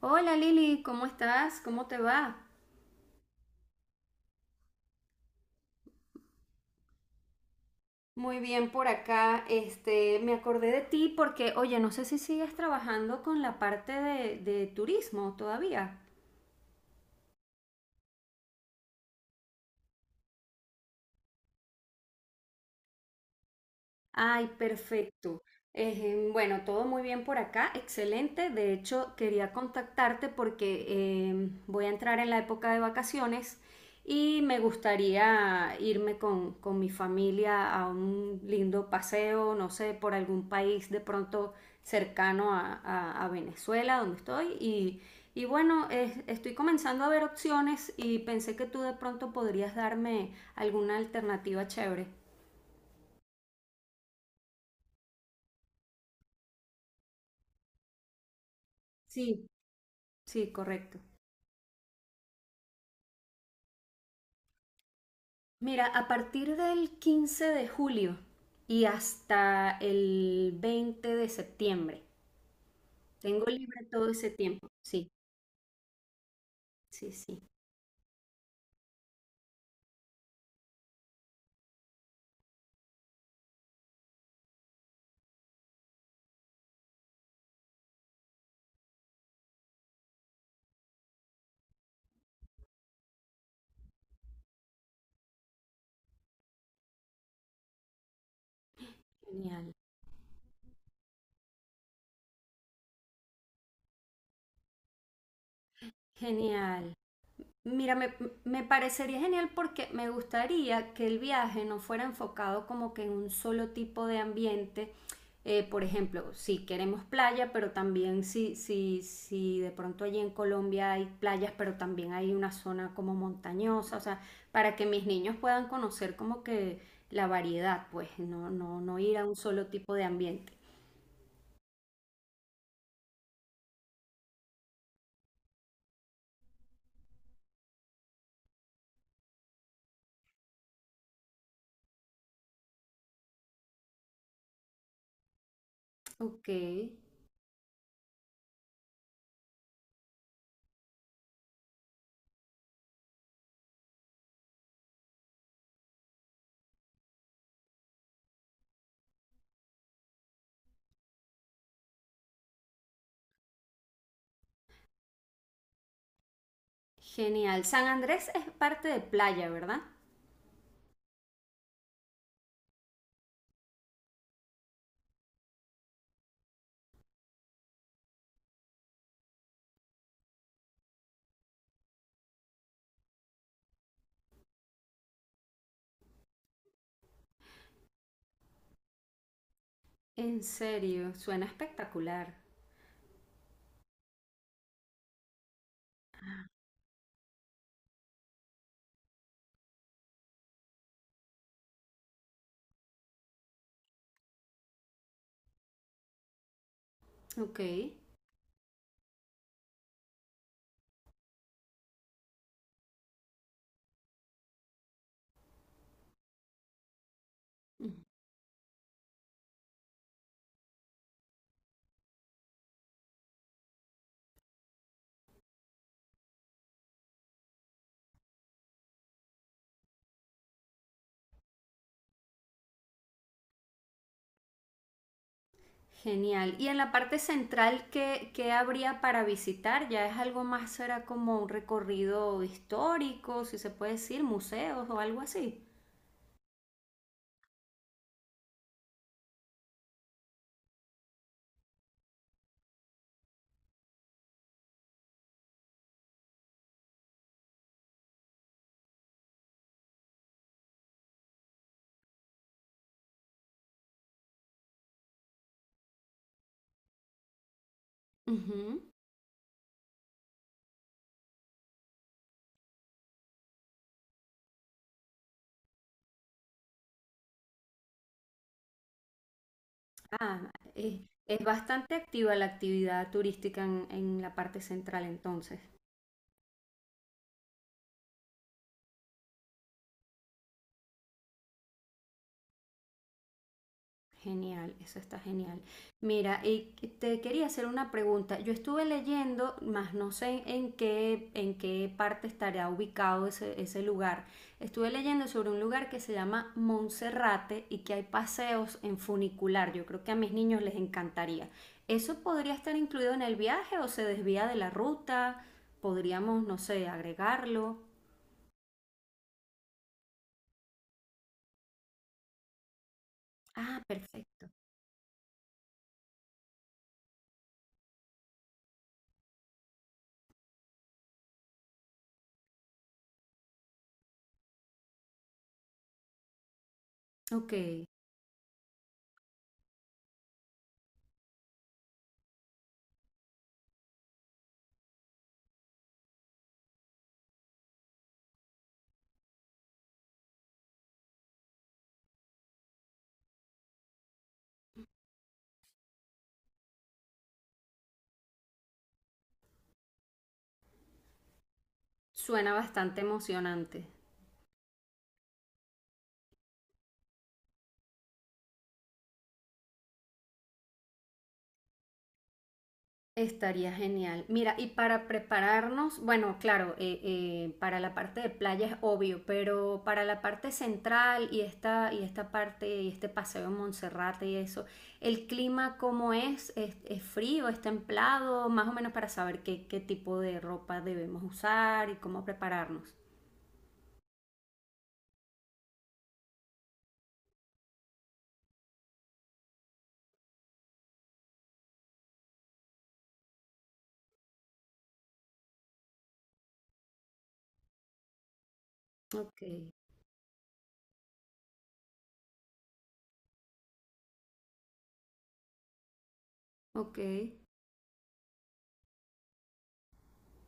Hola Lili, ¿cómo estás? ¿Cómo te va? Muy bien por acá. Este, me acordé de ti porque, oye, no sé si sigues trabajando con la parte de turismo todavía. Ay, perfecto. Bueno, todo muy bien por acá, excelente. De hecho, quería contactarte porque voy a entrar en la época de vacaciones y me gustaría irme con mi familia a un lindo paseo, no sé, por algún país de pronto cercano a Venezuela, donde estoy. Y bueno, estoy comenzando a ver opciones y pensé que tú de pronto podrías darme alguna alternativa chévere. Sí, sí, correcto. Mira, a partir del 15 de julio y hasta el 20 de septiembre. Tengo libre todo ese tiempo. Sí, sí, sí. Genial. Genial. Mira, me parecería genial porque me gustaría que el viaje no fuera enfocado como que en un solo tipo de ambiente. Por ejemplo, si queremos playa, pero también si de pronto allí en Colombia hay playas, pero también hay una zona como montañosa, o sea, para que mis niños puedan conocer como que la variedad, pues no ir a un solo tipo de ambiente. Ok, genial. San Andrés es parte de playa, ¿verdad? En serio, suena espectacular. Ok. Genial. Y en la parte central, ¿ qué habría para visitar? ¿Ya es algo más, será como un recorrido histórico, si se puede decir, museos o algo así? Ujú. Ah, es, es bastante activa la actividad turística en la parte central entonces. Genial, eso está genial. Mira, y te quería hacer una pregunta. Yo estuve leyendo, más no sé en qué parte estará ubicado ese lugar. Estuve leyendo sobre un lugar que se llama Monserrate y que hay paseos en funicular. Yo creo que a mis niños les encantaría. ¿Eso podría estar incluido en el viaje o se desvía de la ruta? Podríamos, no sé, agregarlo. Ah, perfecto. Ok, suena bastante emocionante. Estaría genial. Mira, y para prepararnos, bueno, claro, para la parte de playa es obvio, pero para la parte central y esta parte, y este paseo en Monserrate y eso, ¿el clima cómo es? ¿ Es frío? ¿Es templado? Más o menos para saber qué tipo de ropa debemos usar y cómo prepararnos. Ok, ok.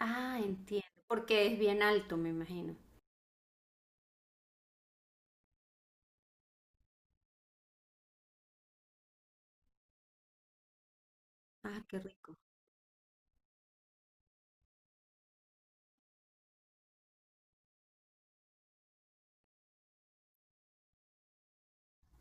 Ah, entiendo, porque es bien alto, me imagino. Ah, qué rico.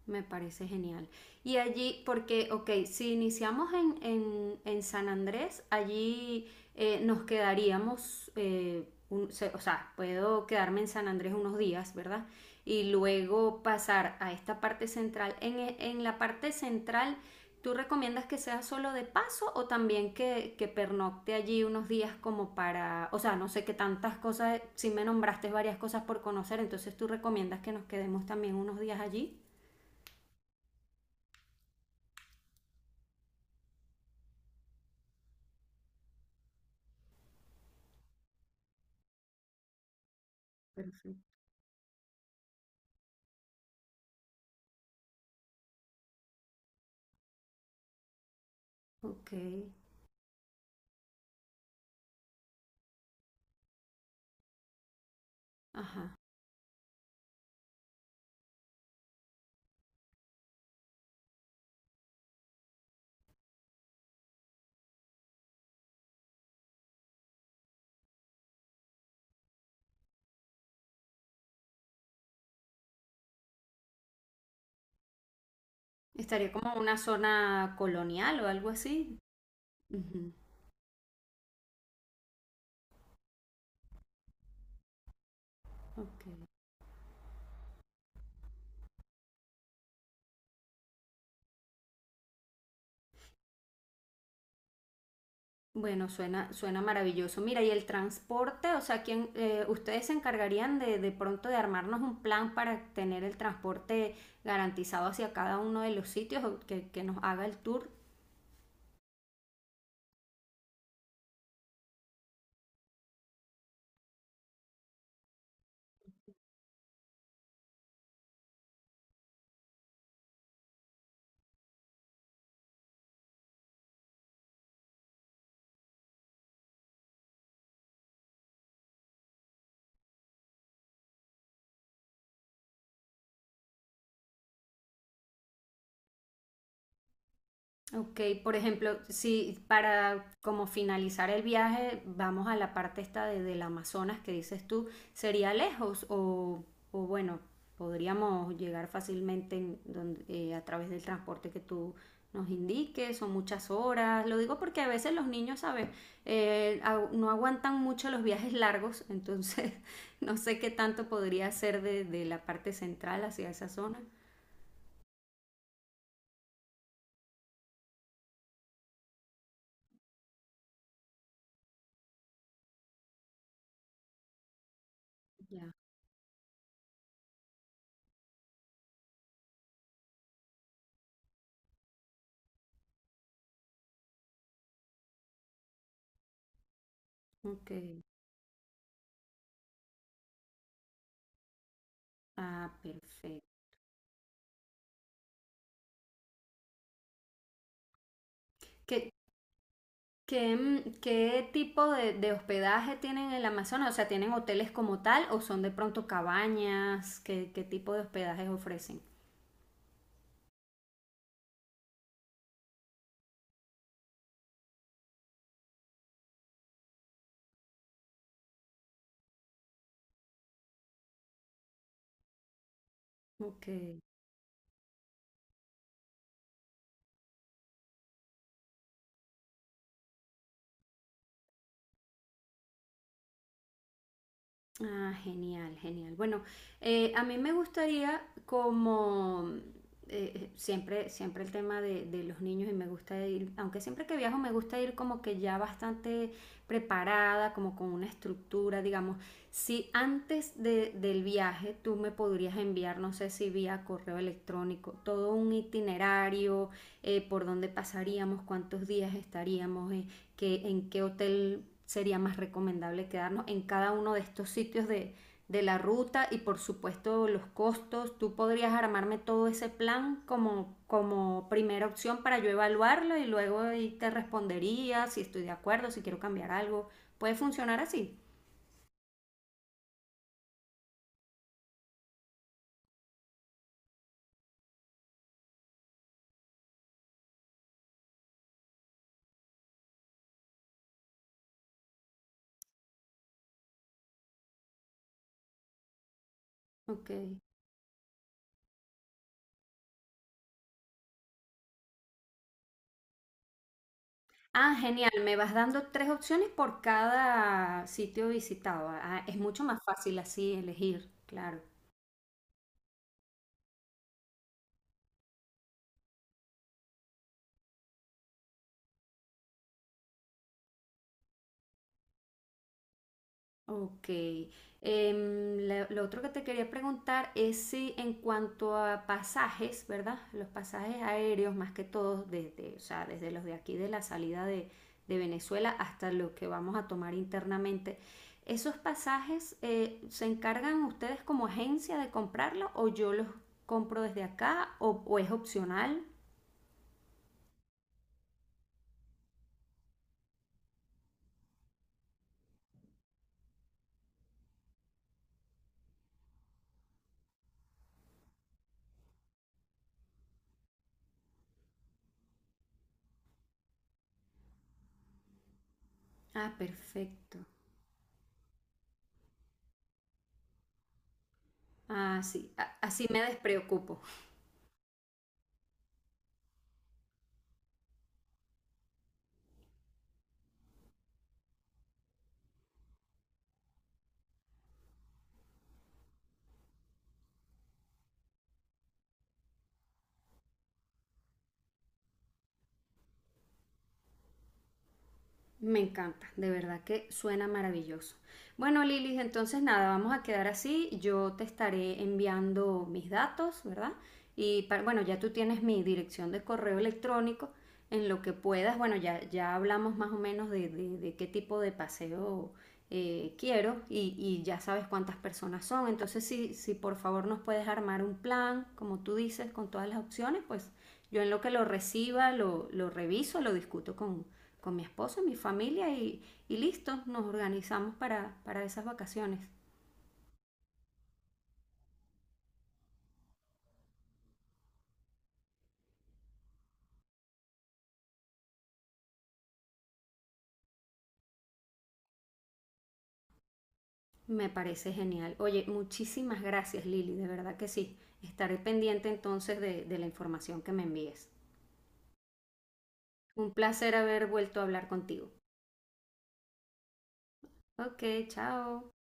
Me parece genial. Y allí, porque, ok, si iniciamos en San Andrés, allí nos quedaríamos, o sea, puedo quedarme en San Andrés unos días, ¿verdad? Y luego pasar a esta parte central. En la parte central, ¿tú recomiendas que sea solo de paso o también que pernocte allí unos días como para, o sea, no sé qué tantas cosas, si me nombraste varias cosas por conocer, entonces tú recomiendas que nos quedemos también unos días allí? Perfecto. Ok, ajá. Estaría como una zona colonial o algo así. Ujú, ok. Bueno, suena, suena maravilloso. Mira, y el transporte, o sea, ¿quién, ustedes se encargarían de pronto de armarnos un plan para tener el transporte garantizado hacia cada uno de los sitios o que nos haga el tour? Ok, por ejemplo, si para como finalizar el viaje vamos a la parte esta del Amazonas que dices tú, ¿sería lejos o bueno, podríamos llegar fácilmente a través del transporte que tú nos indiques? Son muchas horas. Lo digo porque a veces los niños, ¿sabes? No aguantan mucho los viajes largos, entonces no sé qué tanto podría ser de la parte central hacia esa zona. Ya. Ok. Ah, perfecto. ¿Qué, Qué tipo de hospedaje tienen en el Amazonas? O sea, ¿tienen hoteles como tal o son de pronto cabañas? ¿ Qué tipo de hospedajes ofrecen? Ok. Ah, genial, genial. Bueno, a mí me gustaría como siempre el tema de los niños y me gusta ir, aunque siempre que viajo me gusta ir como que ya bastante preparada, como con una estructura, digamos. Si del viaje tú me podrías enviar, no sé si vía correo electrónico, todo un itinerario, por dónde pasaríamos, cuántos días estaríamos, en qué hotel sería más recomendable quedarnos en cada uno de estos sitios de la ruta y por supuesto los costos. Tú podrías armarme todo ese plan como primera opción para yo evaluarlo y luego ahí te respondería si estoy de acuerdo, si quiero cambiar algo. ¿Puede funcionar así? Ok. Ah, genial. Me vas dando 3 opciones por cada sitio visitado. Ah, es mucho más fácil así elegir, claro. Ok. Lo otro que te quería preguntar es si en cuanto a pasajes, ¿verdad? Los pasajes aéreos, más que todos, desde, o sea, desde los de aquí de la salida de Venezuela hasta los que vamos a tomar internamente, ¿esos pasajes se encargan ustedes como agencia de comprarlos o yo los compro desde acá o es opcional? Ah, perfecto. Ah, sí. A- así me despreocupo. Me encanta, de verdad que suena maravilloso. Bueno, Lilis, entonces nada, vamos a quedar así. Yo te estaré enviando mis datos, ¿verdad? Bueno, ya tú tienes mi dirección de correo electrónico. En lo que puedas, bueno, ya hablamos más o menos de qué tipo de paseo quiero y ya sabes cuántas personas son. Entonces, si por favor nos puedes armar un plan, como tú dices, con todas las opciones, pues yo en lo que lo reciba, lo reviso, lo discuto con mi esposo, mi familia y listo, nos organizamos para esas vacaciones. Me parece genial. Oye, muchísimas gracias Lili, de verdad que sí. Estaré pendiente entonces de la información que me envíes. Un placer haber vuelto a hablar contigo. Ok, chao.